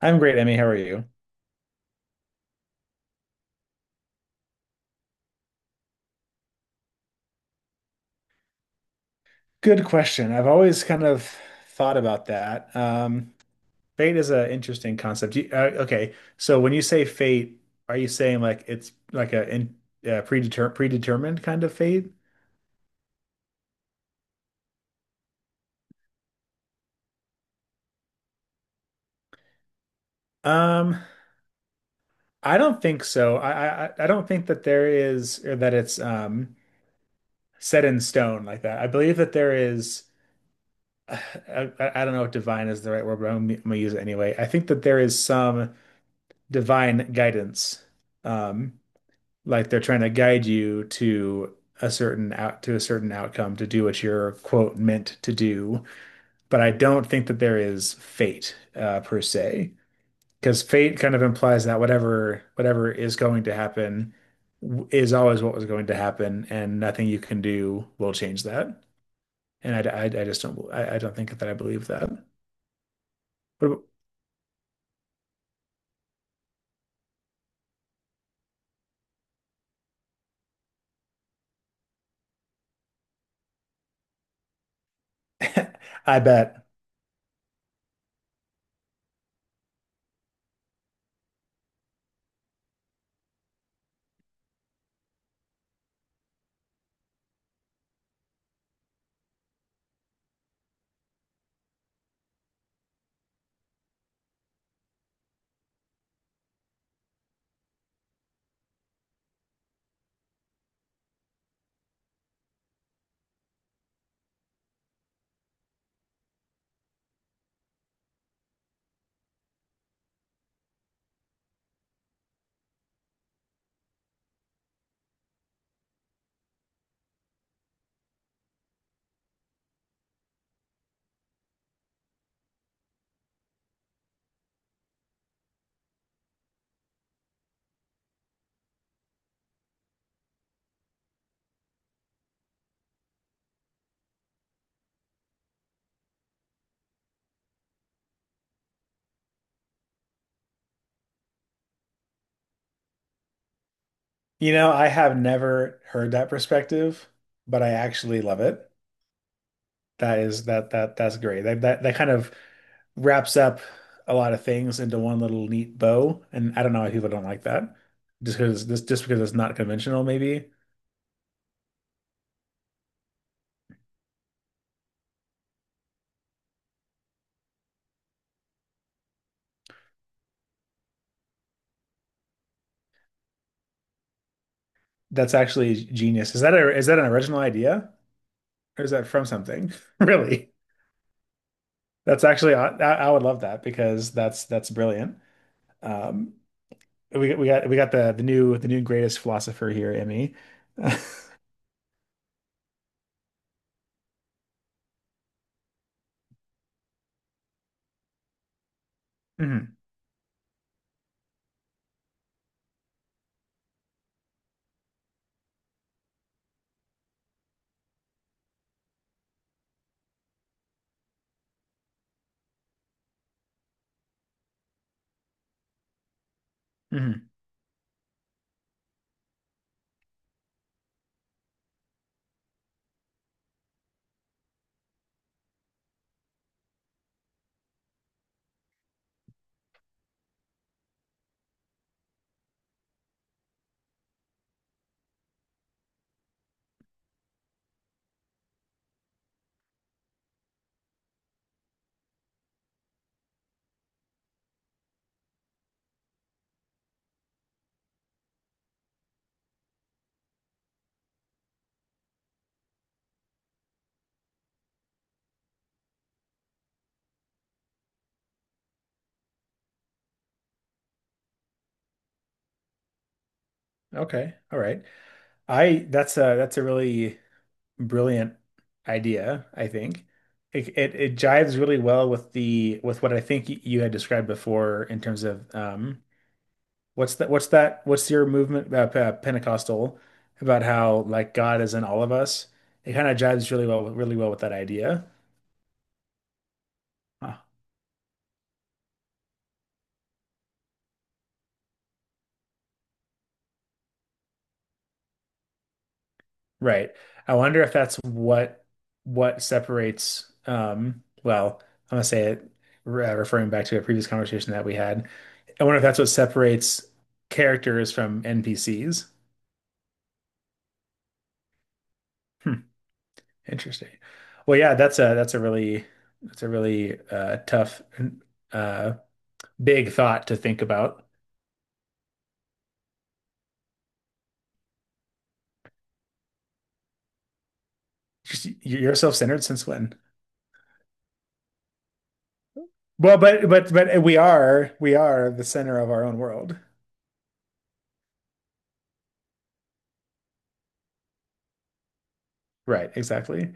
I'm great, Emmy. How are you? Good question. I've always kind of thought about that. Fate is an interesting concept. Okay, so when you say fate, are you saying like it's like a in, predeter predetermined kind of fate? Um, I don't think so. I don't think that there is or that it's set in stone like that. I believe that there is. I don't know if divine is the right word, but I'm gonna use it anyway. I think that there is some divine guidance, um, like they're trying to guide you to a certain out to a certain outcome to do what you're quote meant to do. But I don't think that there is fate per se, because fate kind of implies that whatever is going to happen is always what was going to happen, and nothing you can do will change that. And I don't think that I believe that. What, I bet. You know, I have never heard that perspective, but I actually love it. That is that's great. That kind of wraps up a lot of things into one little neat bow. And I don't know why people don't like that. Just because it's not conventional, maybe. That's actually genius. Is that an original idea or is that from something? Really? That's actually I would love that because that's brilliant. Um, we got the new greatest philosopher here, Emmy. hmm hmm Okay. All right. I That's a really brilliant idea, I think. It jives really well with the with what I think you had described before in terms of what's that? What's that? What's your movement Pentecostal about how like God is in all of us? It kind of jives really well, really well with that idea. Huh. Right. I wonder if that's what separates. I'm gonna say it, re referring back to a previous conversation that we had. I wonder if that's what separates characters from NPCs. Hmm, interesting. Well, yeah, that's a really that's a really tough, uh, big thought to think about. Just- You're self-centered since when? Well, but we are the center of our own world. Right, exactly.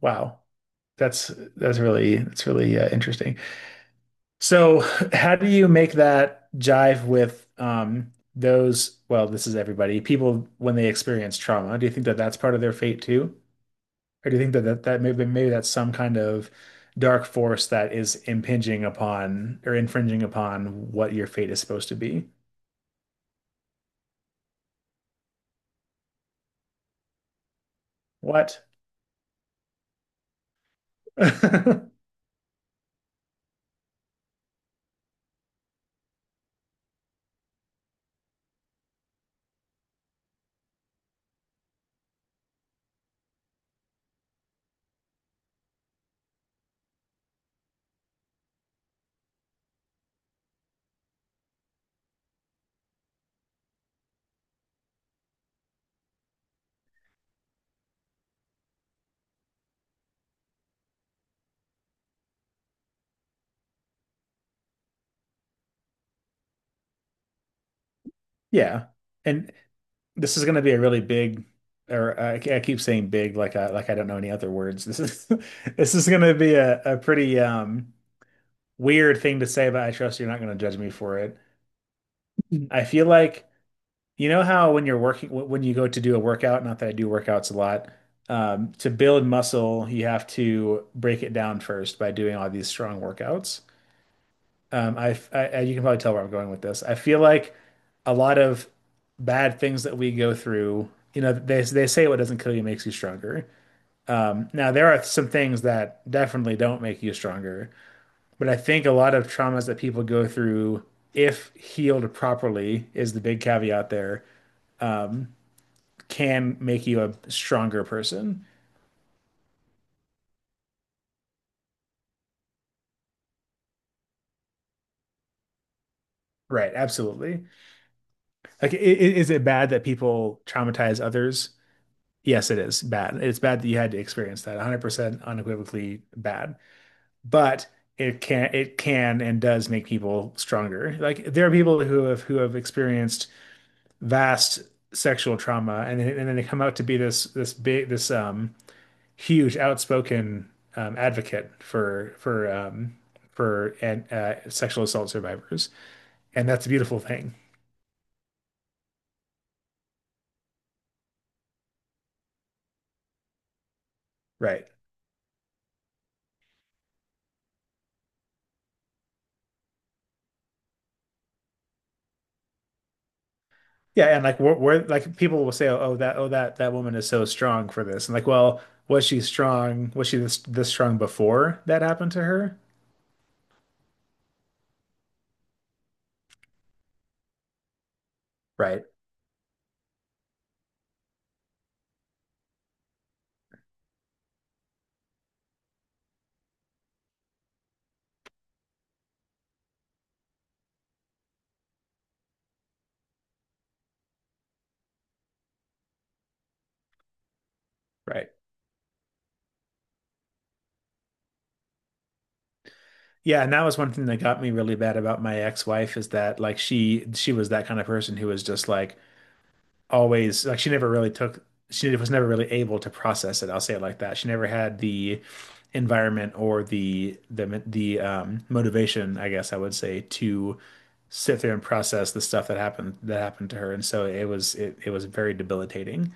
Wow. That's that's really interesting. So, how do you make that jive with well, this is everybody, people when they experience trauma. Do you think that that's part of their fate too? Or do you think that maybe that's some kind of dark force that is impinging upon or infringing upon what your fate is supposed to be? What? Yeah. And this is going to be a really big, or I keep saying big, like like I don't know any other words. This is, this is going to be a pretty, weird thing to say, but I trust you're not going to judge me for it. I feel like, you know how when you're working, when you go to do a workout, not that I do workouts a lot, to build muscle, you have to break it down first by doing all these strong workouts. You can probably tell where I'm going with this. I feel like a lot of bad things that we go through, you know, they say what doesn't kill you makes you stronger. Now there are some things that definitely don't make you stronger, but I think a lot of traumas that people go through, if healed properly, is the big caveat there, can make you a stronger person. Right, absolutely. Like, is it bad that people traumatize others? Yes, it is bad. It's bad that you had to experience that. 100% unequivocally bad. But it can and does make people stronger. Like there are people who have experienced vast sexual trauma and then they come out to be this huge outspoken advocate for and sexual assault survivors. And that's a beautiful thing. Right. Yeah, and like we're like people will say, oh, that woman is so strong for this, and like, well, was she strong? Was she this strong before that happened to her? Right, right. Yeah, and that was one thing that got me really bad about my ex-wife is that like she was that kind of person who was just like, always like she never really took she was never really able to process it. I'll say it like that. She never had the environment or the motivation, I guess I would say, to sit there and process the stuff that happened to her. And so it was very debilitating.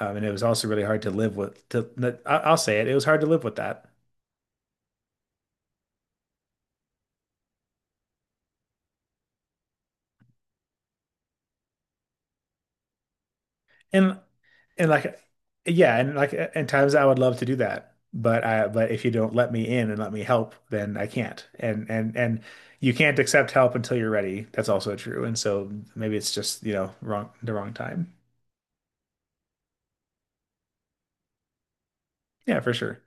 And it was also really hard to live with. I'll say it. It was hard to live with that. And and like yeah, and like in times I would love to do that. But I but if you don't let me in and let me help, then I can't. And you can't accept help until you're ready. That's also true. And so maybe it's just, you know, wrong the wrong time. Yeah, for sure.